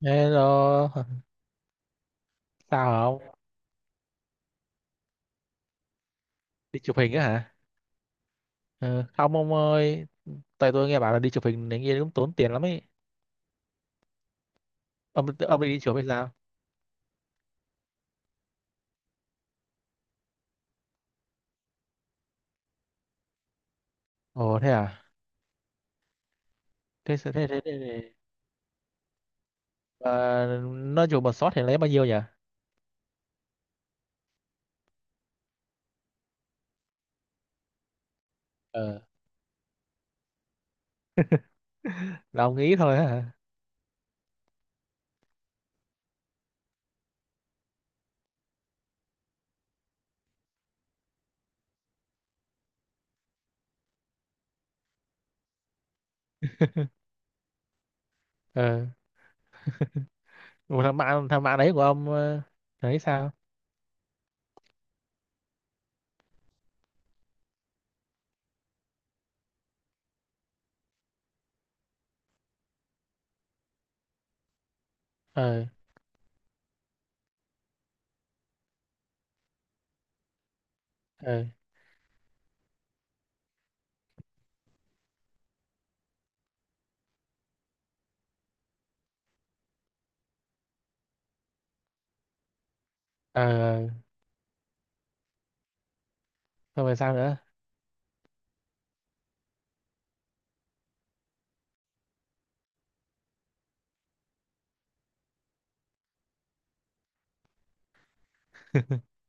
Hello, sao không? Đi chụp hình á hả? Ờ, không ông ơi, tại tôi nghe bảo là đi chụp hình này kia cũng tốn tiền lắm ấy. Ông đi chụp hay sao? Ồ thế à? Thế. Ờ, nó chụp một shot thì lấy bao nhiêu nhỉ? Ờ, là ông nghĩ thôi á hả? Ờ, một thằng bạn đấy của ông, thấy sao? Ờ, ờ, ờ, không phải sao nữa.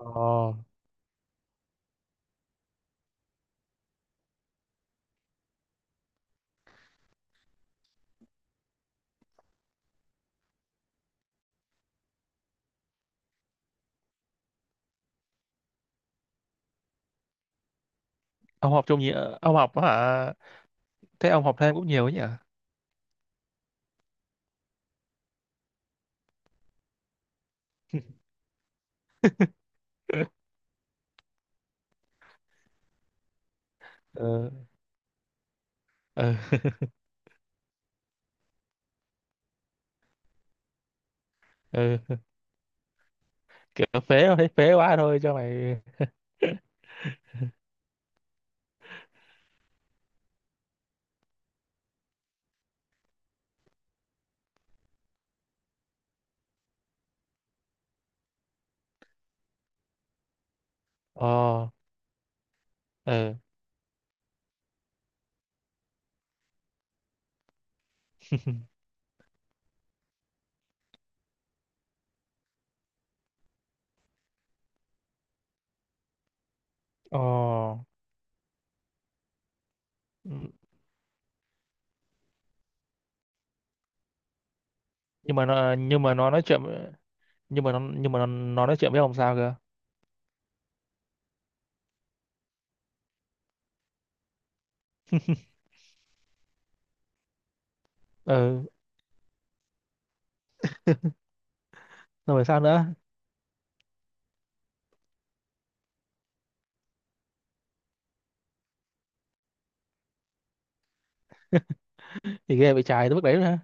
Ồ, ông học chung gì? Ông học hả? Thế ông học thêm cũng nhiều ấy nhỉ? Ờ, ờ. Kiểu phế thôi, thấy phế quá thôi cho mày. Ờ. Ừ. Ồ. Ừ. nhưng mà nó nhưng mà nó nói chuyện nhưng mà nó nói chuyện với ông sao cơ? Ừ, xong rồi phải sao nữa? Thì ghê bị chài tới mức đấy nữa hả?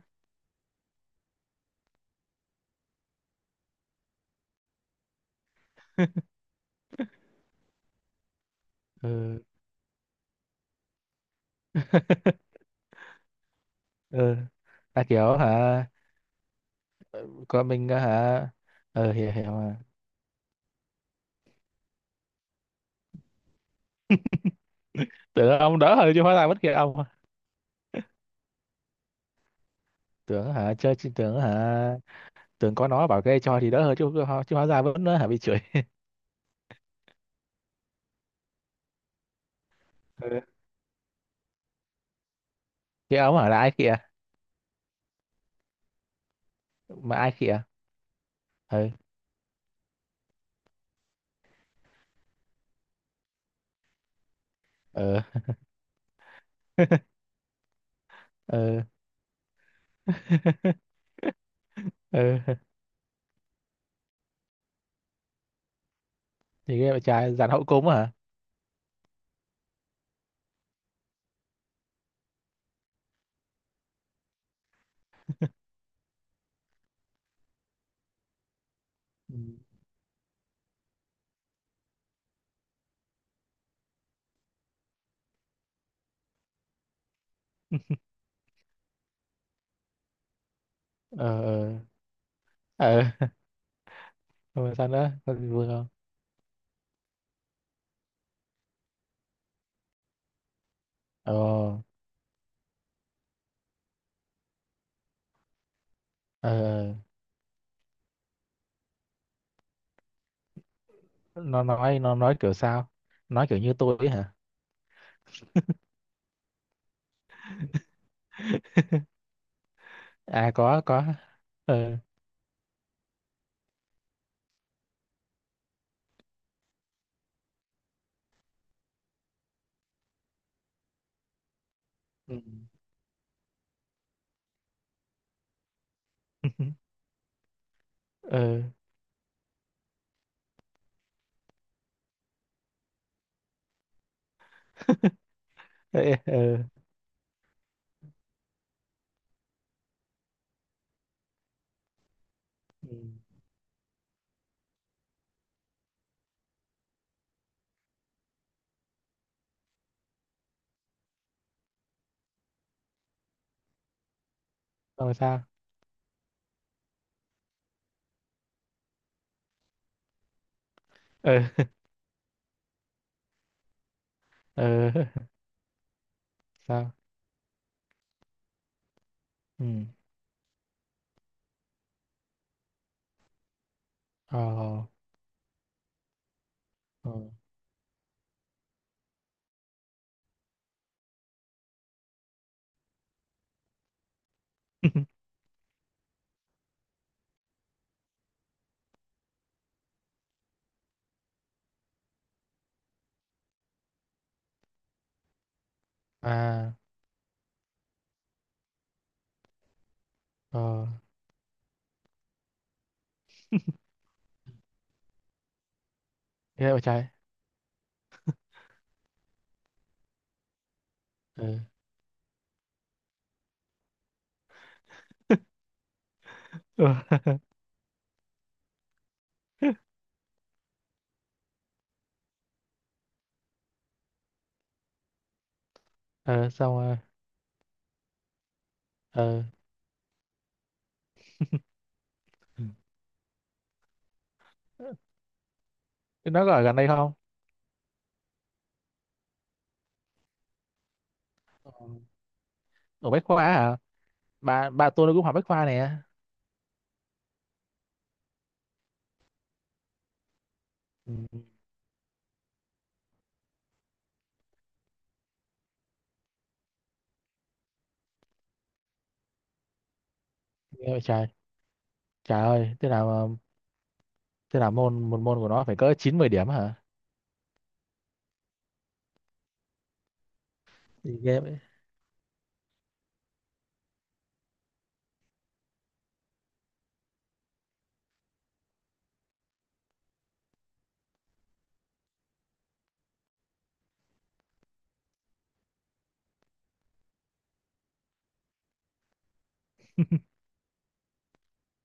Ừ. Ừ. Là kiểu hả? Con mình hả? Ừ, hiểu hiểu mà. Tưởng ông đỡ hơn chứ, hóa ra bất kỳ ông. Tưởng hả? Chơi chứ, tưởng hả? Tưởng có nó bảo ghê cho thì đỡ hơn chứ. Chứ hóa ra vẫn hả bị chửi. Ừ. Cái ông hả là ai kìa? Mà ai kìa? Ừ. Ừ. Ừ. Ừ. Thì cái bạn trai dàn hậu cung hả? Ừ. Ờ. Ờ. Ờ. Rồi sao nữa, có gì vui không? Ờ. Ờ. Nó nói kiểu sao? Nói kiểu như tôi ấy hả? À, có có. Ờ. Ừ. Ờ. Ê, ờ. Ừ. Xong rồi sao? Ờ. Ờ. Sao? Ừ. Ờ. Ờ. À. Ờ. Thế bạn trai. Ờ. Ờ. Ờ, xong rồi. Ờ. Ừ. Nó có ở gần đây không? Ờ, ở Bách Khoa à? Bà tôi nó cũng học Bách Khoa nè. Ừ. Nghe vậy trời. Trời ơi, thế nào một môn của nó phải cỡ chín mười điểm hả? Thì ghê vậy.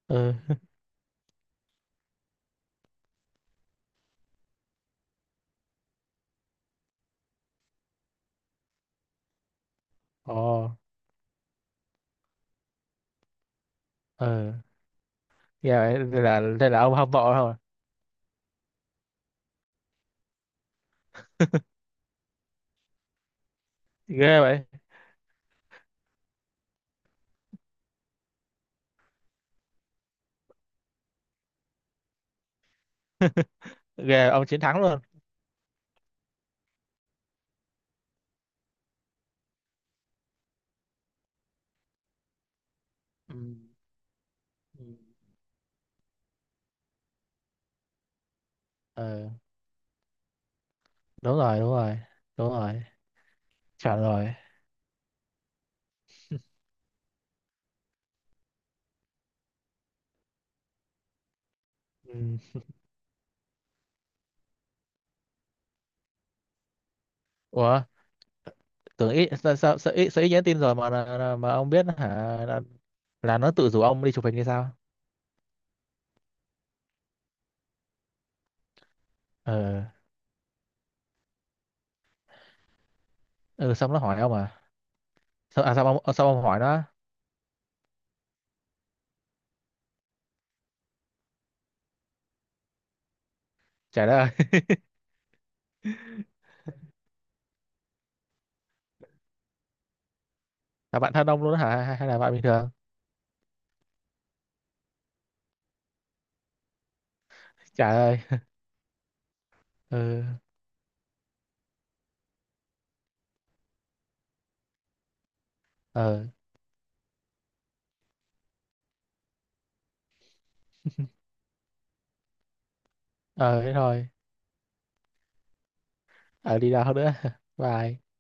Ừ. Ồ. Ừ. Ghê vậy, thế là ông hâm mộ không? Ghê vậy. Ghê, ông chiến thắng luôn. Ừ. Ừ. Ừ. Đúng rồi, đúng rồi. Đúng rồi. Chuẩn rồi. Ừ. Ủa, tưởng ít, sao sao sao ít nhắn tin rồi mà ông biết hả? Là, là nó tự rủ ông đi chụp hình hay sao? Ừ. Ừ. Xong nó hỏi ông à? Sao ông hỏi nó? Trả lời. Là bạn thân ông luôn đó hả, hay là bạn bình thường? Trả lời. Ừ. Ờ. Ờ, thế thôi. Ở đi đâu nữa? Bye.